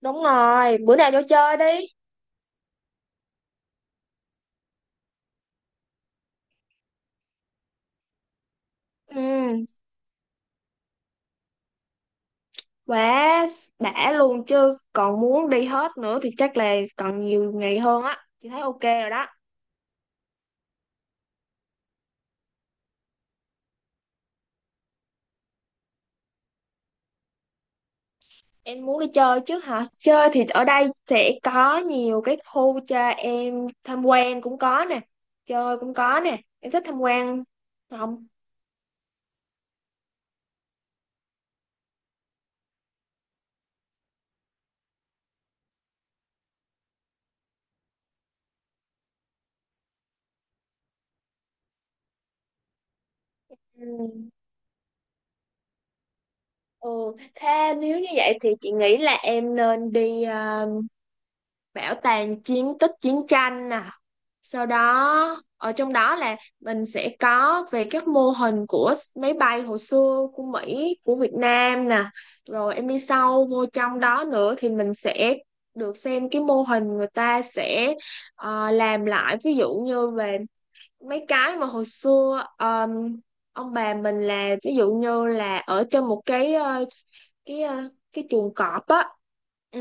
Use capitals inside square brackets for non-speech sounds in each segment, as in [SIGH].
Đúng rồi, bữa nào vô chơi đi. Ừ, quá đã luôn chứ. Còn muốn đi hết nữa thì chắc là còn nhiều ngày hơn á. Chị thấy ok rồi đó. Em muốn đi chơi chứ hả? Chơi thì ở đây sẽ có nhiều cái khu cho em tham quan cũng có nè. Chơi cũng có nè. Em thích tham quan không? Ừ. Ừ, thế nếu như vậy thì chị nghĩ là em nên đi à, bảo tàng chiến tích chiến tranh nè, sau đó ở trong đó là mình sẽ có về các mô hình của máy bay hồi xưa của Mỹ của Việt Nam nè. Rồi em đi sâu vô trong đó nữa thì mình sẽ được xem cái mô hình người ta sẽ làm lại, ví dụ như về mấy cái mà hồi xưa ông bà mình làm, ví dụ như là ở trên một cái cái ờ, cái chuồng cọp á. Ừ.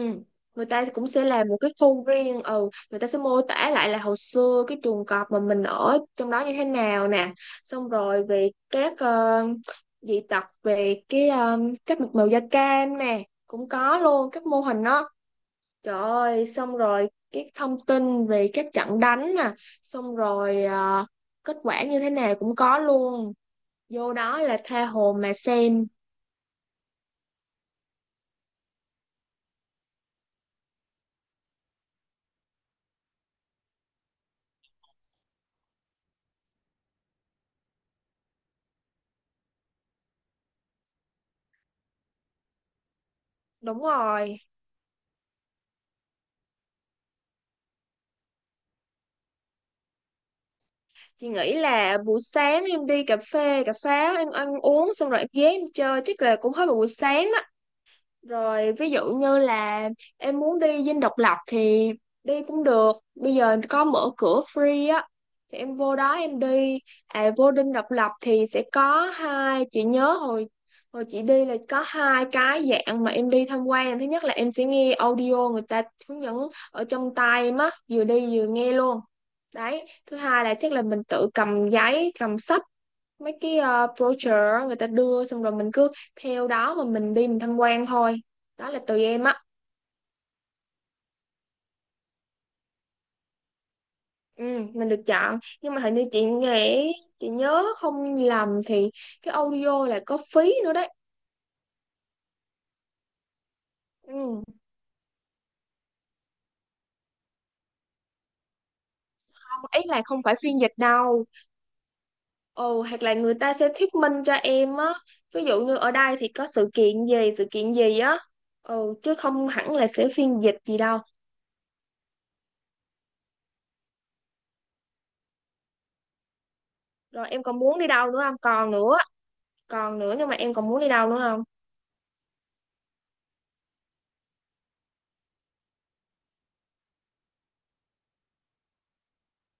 Người ta cũng sẽ làm một cái khu riêng, ừ, người ta sẽ mô tả lại là hồi xưa cái chuồng cọp mà mình ở trong đó như thế nào nè. Xong rồi về các dị tật về cái các mạch màu da cam nè, cũng có luôn các mô hình đó. Trời ơi, xong rồi cái thông tin về các trận đánh nè, xong rồi à, kết quả như thế nào cũng có luôn. Vô đó là tha hồ mà xem. Đúng rồi, chị nghĩ là buổi sáng em đi cà phê, cà pháo, em ăn uống xong rồi em ghé em chơi chắc là cũng hết một buổi sáng đó. Rồi ví dụ như là em muốn đi Dinh Độc Lập thì đi cũng được. Bây giờ có mở cửa free á. Thì em vô đó em đi. À, vô Dinh Độc Lập thì sẽ có hai, chị nhớ hồi hồi chị đi là có hai cái dạng mà em đi tham quan. Thứ nhất là em sẽ nghe audio người ta hướng dẫn ở trong tai em á, vừa đi vừa nghe luôn. Đấy, thứ hai là chắc là mình tự cầm giấy, cầm sách mấy cái brochure người ta đưa, xong rồi mình cứ theo đó mà mình đi mình tham quan thôi, đó là tùy em á. Ừ, mình được chọn nhưng mà hình như chị nghĩ, chị nhớ không lầm thì cái audio là có phí nữa đấy. Ừ, không, ý là không phải phiên dịch đâu. Ừ, hoặc là người ta sẽ thuyết minh cho em á, ví dụ như ở đây thì có sự kiện gì á. Ừ, chứ không hẳn là sẽ phiên dịch gì đâu. Rồi em còn muốn đi đâu nữa không, còn nữa, còn nữa nhưng mà em còn muốn đi đâu nữa không?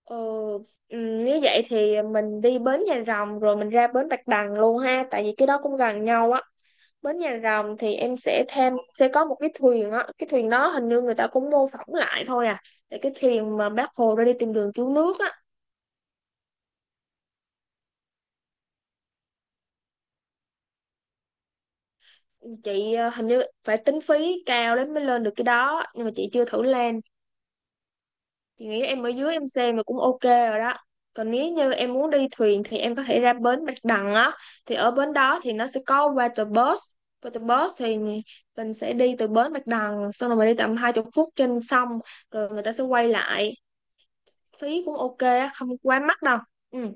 Ờ, nếu vậy thì mình đi bến Nhà Rồng rồi mình ra bến Bạch Đằng luôn ha, tại vì cái đó cũng gần nhau á. Bến Nhà Rồng thì em sẽ thêm, sẽ có một cái thuyền á, cái thuyền đó hình như người ta cũng mô phỏng lại thôi à, là cái thuyền mà bác Hồ ra đi tìm đường cứu nước á. Chị hình như phải tính phí cao lắm mới lên được cái đó nhưng mà chị chưa thử lên. Chị nghĩ em ở dưới em xem là cũng ok rồi đó. Còn nếu như em muốn đi thuyền thì em có thể ra bến Bạch Đằng á. Thì ở bến đó thì nó sẽ có water bus. Water bus thì mình sẽ đi từ bến Bạch Đằng xong rồi mình đi tầm 20 phút trên sông rồi người ta sẽ quay lại. Phí cũng ok á, không quá mắc đâu. Ừ.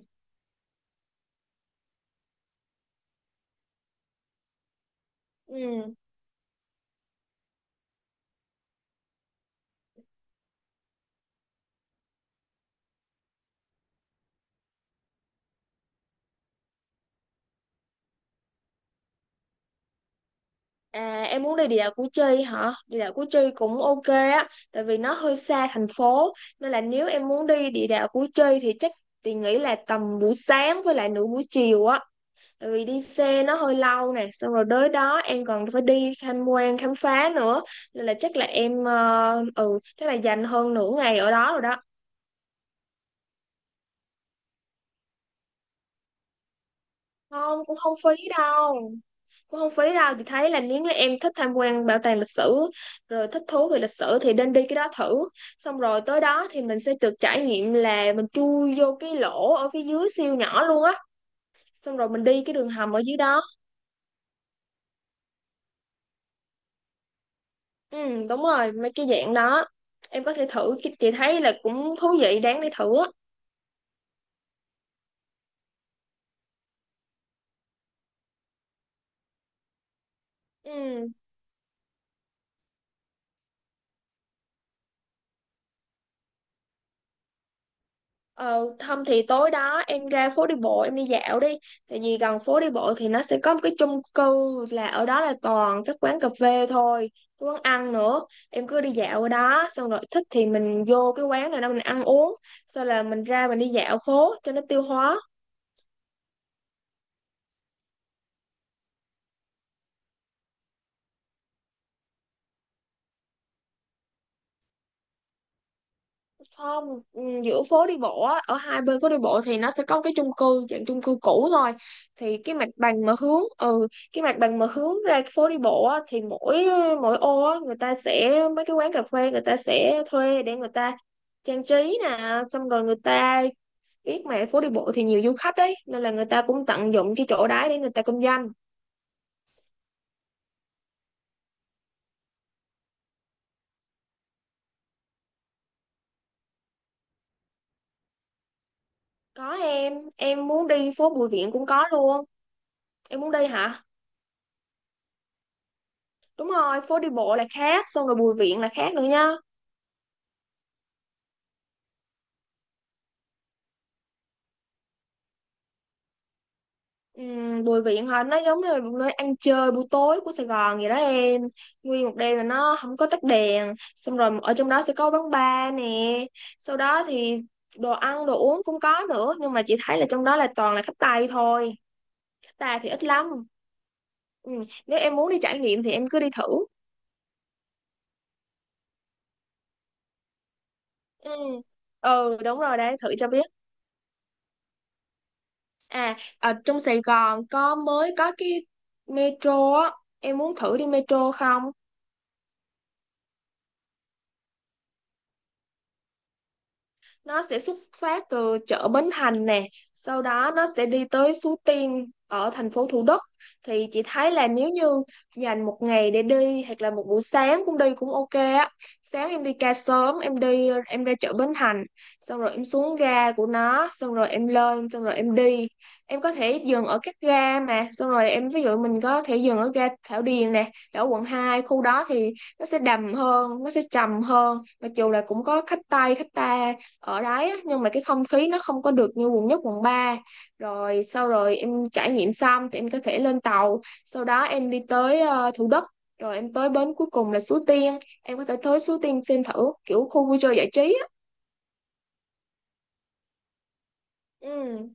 Ừ. À, em muốn đi địa đạo Củ Chi hả? Địa đạo Củ Chi cũng ok á, tại vì nó hơi xa thành phố, nên là nếu em muốn đi địa đạo Củ Chi thì chắc, thì nghĩ là tầm buổi sáng với lại nửa buổi chiều á, tại vì đi xe nó hơi lâu nè, xong rồi tới đó em còn phải đi tham quan khám phá nữa, nên là chắc là em ừ, chắc là dành hơn nửa ngày ở đó rồi đó. Không, cũng không phí đâu, cũng không phí đâu. Chị thấy là nếu như em thích tham quan bảo tàng lịch sử rồi thích thú về lịch sử thì nên đi cái đó thử. Xong rồi tới đó thì mình sẽ được trải nghiệm là mình chui vô cái lỗ ở phía dưới siêu nhỏ luôn á, xong rồi mình đi cái đường hầm ở dưới đó. Ừ đúng rồi, mấy cái dạng đó em có thể thử. Chị thấy là cũng thú vị, đáng để thử á. Ừ. Ờ, không thì tối đó em ra phố đi bộ em đi dạo đi, tại vì gần phố đi bộ thì nó sẽ có một cái chung cư, là ở đó là toàn các quán cà phê thôi, cái quán ăn nữa. Em cứ đi dạo ở đó xong rồi thích thì mình vô cái quán này đó mình ăn uống, sau là mình ra mình đi dạo phố cho nó tiêu hóa. Không, ừ, giữa phố đi bộ á, ở hai bên phố đi bộ thì nó sẽ có cái chung cư, dạng chung cư cũ thôi. Thì cái mặt bằng mà hướng, ừ, cái mặt bằng mà hướng ra cái phố đi bộ á thì mỗi mỗi ô á người ta sẽ mấy cái quán cà phê người ta sẽ thuê để người ta trang trí nè, xong rồi người ta biết mà phố đi bộ thì nhiều du khách đấy nên là người ta cũng tận dụng cái chỗ đấy để người ta kinh doanh. Có, em muốn đi phố Bùi Viện cũng có luôn. Em muốn đi hả? Đúng rồi, phố đi bộ là khác, xong rồi Bùi Viện là khác nữa nha. Bùi Viện hả, nó giống như là một nơi ăn chơi buổi tối của Sài Gòn vậy đó em. Nguyên một đêm là nó không có tắt đèn, xong rồi ở trong đó sẽ có quán bar nè, sau đó thì đồ ăn đồ uống cũng có nữa, nhưng mà chị thấy là trong đó là toàn là khách Tây thôi, khách ta thì ít lắm. Ừm, nếu em muốn đi trải nghiệm thì em cứ đi thử. Ừ. Ừ đúng rồi đấy, thử cho biết. À, ở trong Sài Gòn có mới có cái metro á, em muốn thử đi metro không? Nó sẽ xuất phát từ chợ Bến Thành nè, sau đó nó sẽ đi tới Suối Tiên ở thành phố Thủ Đức. Thì chị thấy là nếu như dành một ngày để đi hoặc là một buổi sáng cũng đi cũng ok á. Sáng em đi ca sớm em đi em ra chợ Bến Thành, xong rồi em xuống ga của nó, xong rồi em lên xong rồi em đi. Em có thể dừng ở các ga mà, xong rồi em ví dụ mình có thể dừng ở ga Thảo Điền nè ở quận Hai, khu đó thì nó sẽ đầm hơn, nó sẽ trầm hơn, mặc dù là cũng có khách Tây khách ta ở đấy á, nhưng mà cái không khí nó không có được như quận nhất quận ba. Rồi sau rồi em trải nghiệm xong thì em có thể lên tàu, sau đó em đi tới Thủ Đức, rồi em tới bến cuối cùng là Suối Tiên, em có thể tới Suối Tiên xem thử kiểu khu vui chơi giải trí á. Ừ.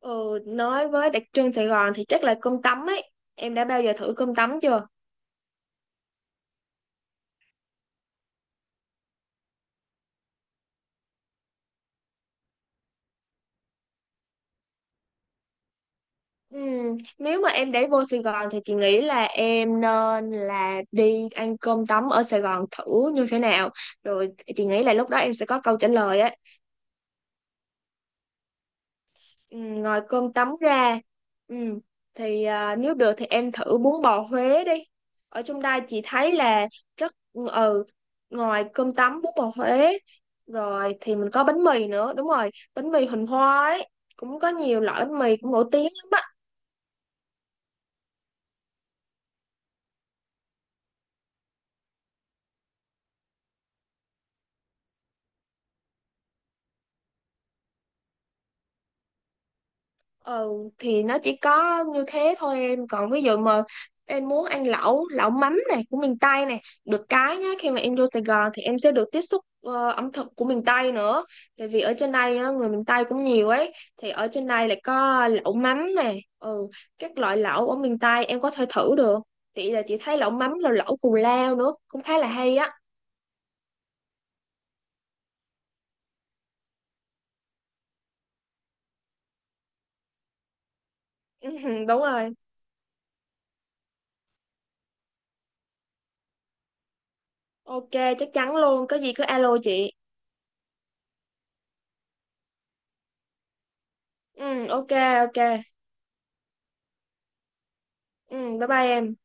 Ừ, nói với đặc trưng Sài Gòn thì chắc là cơm tấm ấy, em đã bao giờ thử cơm tấm chưa? Ừ. Nếu mà em để vô Sài Gòn thì chị nghĩ là em nên là đi ăn cơm tấm ở Sài Gòn thử như thế nào, rồi chị nghĩ là lúc đó em sẽ có câu trả lời á. Ừ, ngoài cơm tấm ra, ừ, thì à, nếu được thì em thử bún bò Huế đi, ở trong đây chị thấy là rất, ừ, ngoài cơm tấm bún bò Huế rồi thì mình có bánh mì nữa, đúng rồi bánh mì Huỳnh Hoa ấy, cũng có nhiều loại bánh mì cũng nổi tiếng lắm. Ừ, thì nó chỉ có như thế thôi em, còn ví dụ mà em muốn ăn lẩu, lẩu mắm này của miền Tây này được cái nhá, khi mà em vô Sài Gòn thì em sẽ được tiếp xúc ẩm thực của miền Tây nữa, tại vì ở trên đây á, người miền Tây cũng nhiều ấy, thì ở trên đây lại có lẩu mắm này. Ừ, các loại lẩu ở miền Tây em có thể thử được. Chị thấy lẩu mắm là lẩu cù lao nữa cũng khá là hay á. [LAUGHS] Ừ, đúng rồi. Ok, chắc chắn luôn, có gì cứ alo chị. Ừ, ok, ok. Ừ, bye bye em.